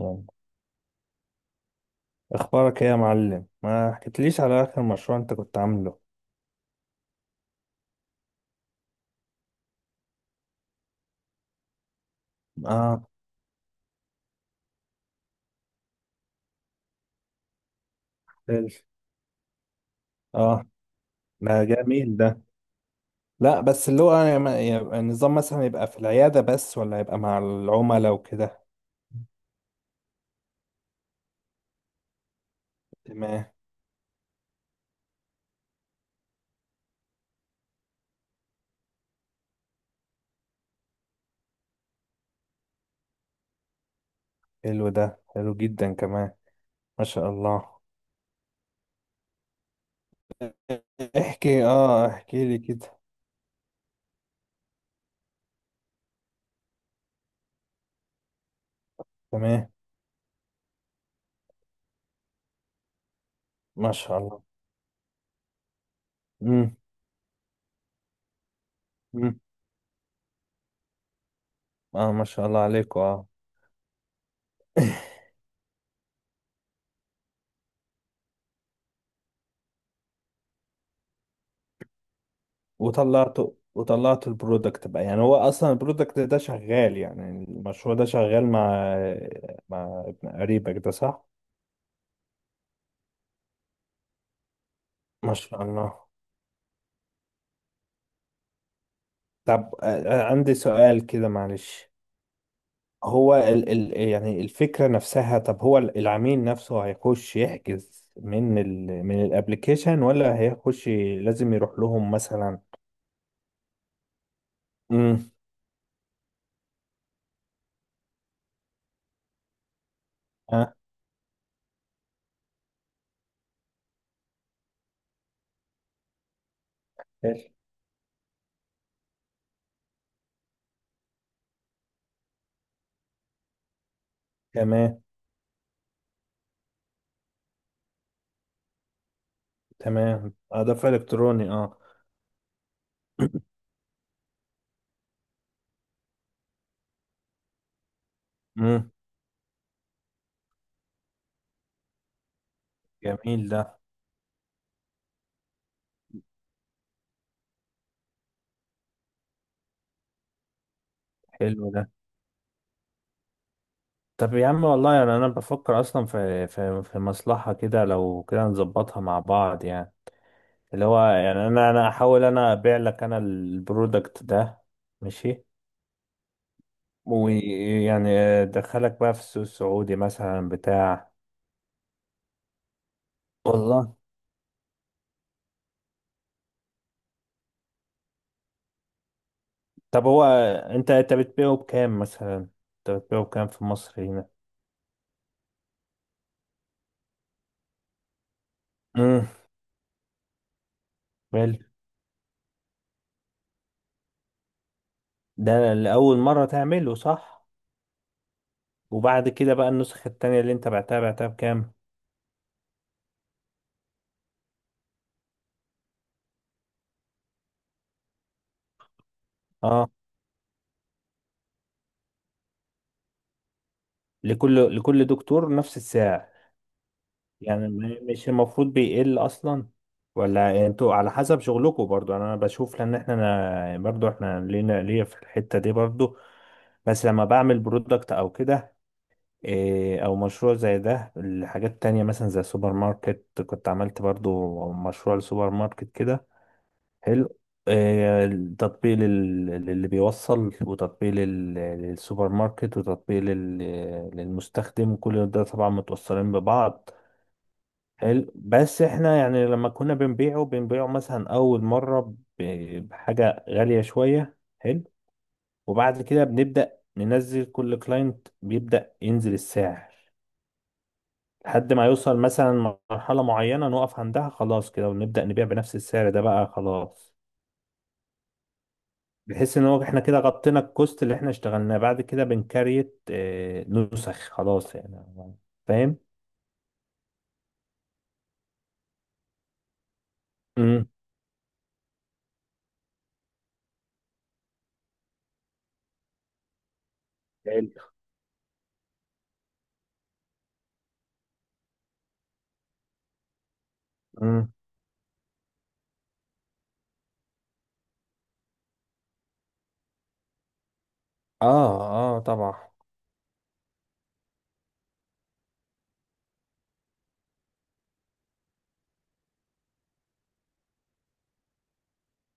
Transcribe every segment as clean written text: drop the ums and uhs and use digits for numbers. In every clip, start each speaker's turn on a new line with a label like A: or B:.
A: يلا. اخبارك ايه يا معلم؟ ما حكيتليش على اخر مشروع انت كنت عامله. اه، حلو. اه، ما جميل ده. لا بس اللي هو يعني يبقى النظام مثلا يبقى في العيادة بس، ولا يبقى مع العملاء وكده؟ تمام. حلو ده، حلو جدا كمان، ما شاء الله. احكي، اه احكي لي كده. تمام، ما شاء الله. امم. امم. اه، ما شاء الله عليكم، اه. وطلعته وطلعت البرودكت بقى، يعني هو اصلا البرودكت ده شغال، يعني المشروع ده شغال مع مع ابن قريبك ده، صح؟ ما شاء الله. طب عندي سؤال كده، معلش. هو ال يعني الفكرة نفسها، طب هو العميل نفسه هيخش يحجز من ال من الابليكيشن، ولا هيخش لازم يروح لهم مثلا؟ امم. اه. حلو. تمام. تمام. اه، ده في الكتروني، اه. امم. جميل ده. حلو ده. طب يا عم، والله يعني انا بفكر اصلا في مصلحه كده، لو كده نظبطها مع بعض يعني. اللي هو يعني انا احاول انا ابيع لك انا البرودكت ده، ماشي. ويعني ادخلك بقى في السوق السعودي مثلا بتاع. والله. طب هو انت بتبيعه بكام مثلا؟ انت بتبيعه بكام في مصر هنا؟ امم. حلو. ده لأول مرة تعمله، صح؟ وبعد كده بقى النسخة التانية اللي انت بعتها، بعتها بكام؟ اه. لكل دكتور نفس السعر؟ يعني مش المفروض بيقل اصلا؟ ولا انتوا على حسب شغلكم برضو؟ يعني انا بشوف، لان احنا أنا برضو احنا لينا ليا في الحتة دي برضو. بس لما بعمل برودكت او كده، او مشروع زي ده، الحاجات التانية مثلا زي سوبر ماركت، كنت عملت برضو مشروع لسوبر ماركت كده. حلو. التطبيق للي بيوصل، وتطبيق للسوبر ماركت، وتطبيق للمستخدم، كل ده طبعا متوصلين ببعض. حلو، بس احنا يعني لما كنا بنبيعه مثلا اول مرة بحاجة غالية شوية. حلو. وبعد كده بنبدأ ننزل، كل كلاينت بيبدأ ينزل السعر لحد ما يوصل مثلا مرحلة معينة نقف عندها، خلاص كده، ونبدأ نبيع بنفس السعر ده بقى خلاص. بحيث ان هو احنا كده غطينا الكوست اللي احنا اشتغلناه، بعد كده بنكريت نسخ خلاص يعني. فاهم؟ امم. حلو. امم. اه. اه، طبعا.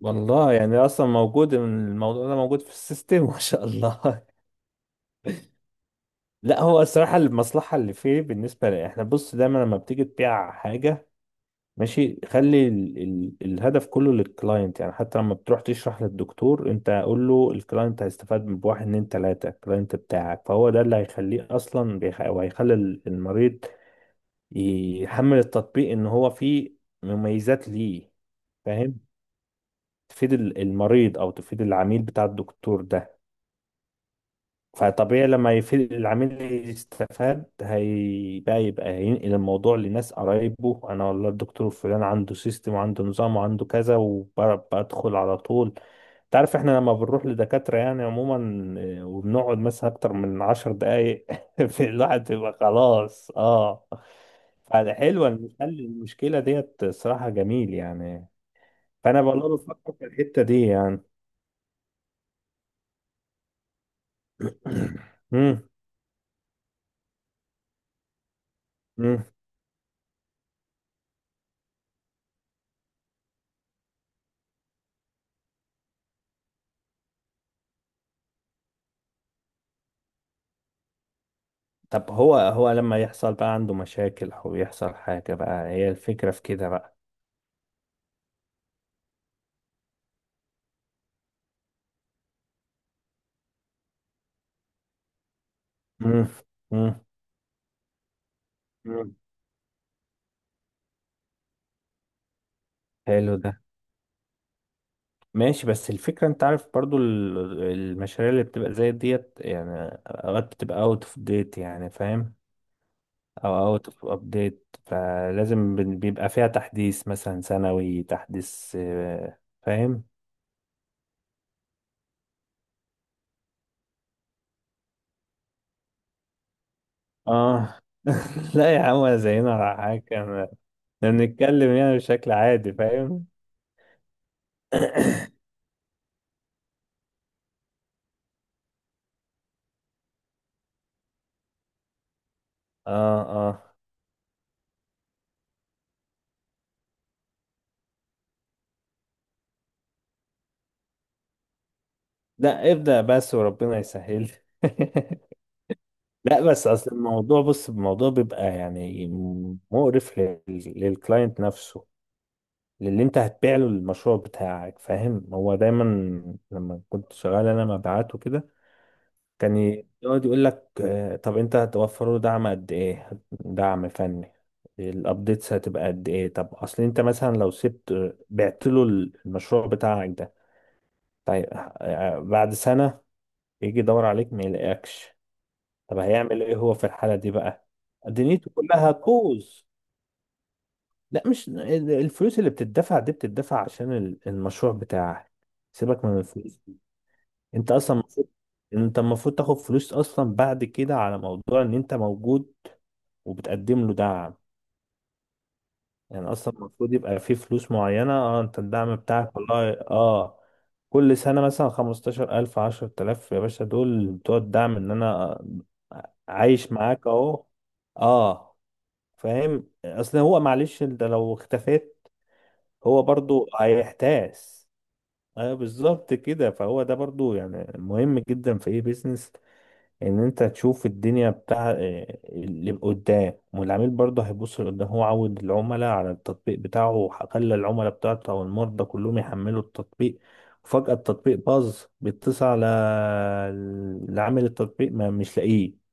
A: والله يعني اصلا موجود، الموضوع ده موجود في السيستم ما شاء الله لا هو الصراحه المصلحه اللي فيه بالنسبه لي، احنا بص دايما لما بتيجي تبيع حاجه، ماشي، خلي ال الهدف كله للكلاينت، يعني حتى لما بتروح تشرح للدكتور، انت قول له الكلاينت هيستفاد من بواحد اتنين تلاته، الكلاينت بتاعك، فهو ده اللي هيخليه اصلا وهيخلي المريض يحمل التطبيق، ان هو فيه مميزات ليه. فاهم؟ تفيد المريض، او تفيد العميل بتاع الدكتور ده. فطبيعي لما يفيد العميل يستفاد، هيبقى يبقى هينقل الموضوع لناس قرايبه، انا والله الدكتور فلان عنده سيستم وعنده نظام وعنده كذا، وبدخل على طول. انت عارف احنا لما بنروح لدكاترة يعني عموما، وبنقعد مثلا اكتر من 10 دقايق في الواحد بيبقى خلاص اه. فحلوة إن نحل المشكلة ديت، صراحة جميل يعني. فانا بقول له فكر في الحتة دي يعني. مم. طب هو هو لما يحصل بقى عنده مشاكل او يحصل حاجة، بقى هي الفكرة في كده بقى. مم. مم. مم. حلو ده. ماشي، بس الفكرة انت عارف برضو المشاريع اللي بتبقى زي ديت يعني، اوقات بتبقى اوت اوف ديت، يعني فاهم؟ او اوت اوف ابديت، فلازم بيبقى فيها تحديث مثلا سنوي، تحديث فاهم. اه لا يا عم، ولا زينا ولا حاجة احنا، بنتكلم يعني بشكل عادي، فاهم. اه. اه. لا ابدأ بس وربنا يسهل لا بس اصل الموضوع، بص الموضوع بيبقى يعني مقرف للكلاينت نفسه، للي انت هتبيع له المشروع بتاعك، فاهم؟ هو دايما لما كنت شغال انا مبيعات وكده، كان يقعد يقول لك طب انت هتوفر له دعم قد ايه؟ دعم فني؟ الابديتس هتبقى قد ايه؟ طب اصل انت مثلا لو سبت بعت له المشروع بتاعك ده، طيب بعد سنة يجي يدور عليك ما يلاقيكش، طب هيعمل ايه هو في الحالة دي بقى؟ دنيته كلها هتبوظ. لا مش الفلوس اللي بتدفع دي بتدفع عشان المشروع بتاعك، سيبك من الفلوس دي. انت اصلا المفروض، انت المفروض تاخد فلوس اصلا بعد كده على موضوع ان انت موجود، وبتقدم له دعم. يعني اصلا المفروض يبقى في فلوس معينة، اه، انت الدعم بتاعك والله، اه، كل سنة مثلا 15 ألف، 10 آلاف يا باشا، دول بتوع الدعم، إن أنا عايش معاك أهو، اه، فاهم؟ اصل هو معلش انت لو اختفيت، هو برضو هيحتاس. ايوه بالظبط كده. فهو ده برضو يعني مهم جدا في اي بيزنس، ان انت تشوف الدنيا بتاع إيه اللي قدام، والعميل برضو هيبص لقدام، هو عود العملاء على التطبيق بتاعه، وخلى العملاء بتاعته او المرضى كلهم يحملوا التطبيق، وفجأة التطبيق باظ، بيتصل على عامل التطبيق ما مش لاقيه.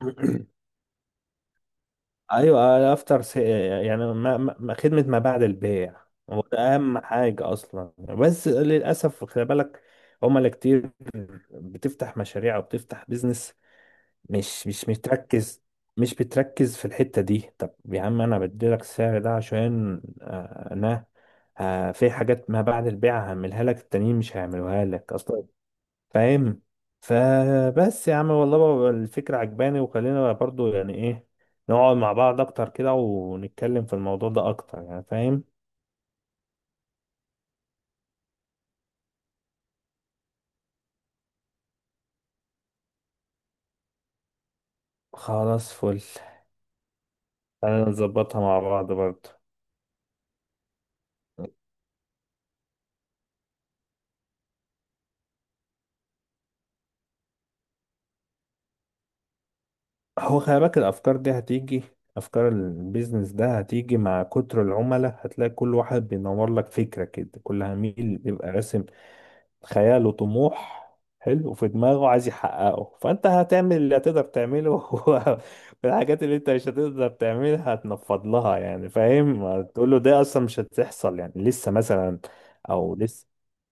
A: ايوه افتر. يعني خدمه ما بعد البيع. هو ده اهم حاجه اصلا، بس للاسف خلي بالك، هما اللي كتير بتفتح مشاريع وبتفتح بيزنس، مش بتركز، مش بتركز في الحته دي. طب يا عم انا بديلك السعر ده عشان انا في حاجات ما بعد البيع هعملها لك، التانيين مش هيعملوها لك اصلا، فاهم؟ فبس يا عم والله بقى الفكرة عجباني، وخلينا بقى برضو يعني ايه، نقعد مع بعض اكتر كده ونتكلم في الموضوع ده اكتر، يعني فاهم. خلاص فل. تعالى نظبطها مع بعض برضو. هو خلي بالك الافكار دي هتيجي، افكار البيزنس ده هتيجي مع كتر العملاء، هتلاقي كل واحد بينور لك فكرة كده، كل عميل بيبقى راسم خياله طموح حلو، وفي دماغه عايز يحققه، فانت هتعمل اللي هتقدر تعمله والحاجات اللي انت مش هتقدر تعملها هتنفض لها، يعني فاهم، تقول له ده اصلا مش هتحصل يعني لسه مثلا، او لسه،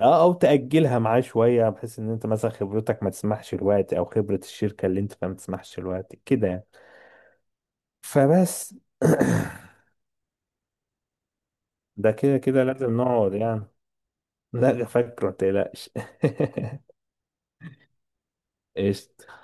A: اه، او تأجلها معاه شوية، بحيث ان انت مثلا خبرتك ما تسمحش الوقت، او خبرة الشركة اللي انت فيها ما تسمحش الوقت كده يعني. فبس. ده كده كده لازم نقعد يعني. لا فاكره متقلقش قشطة.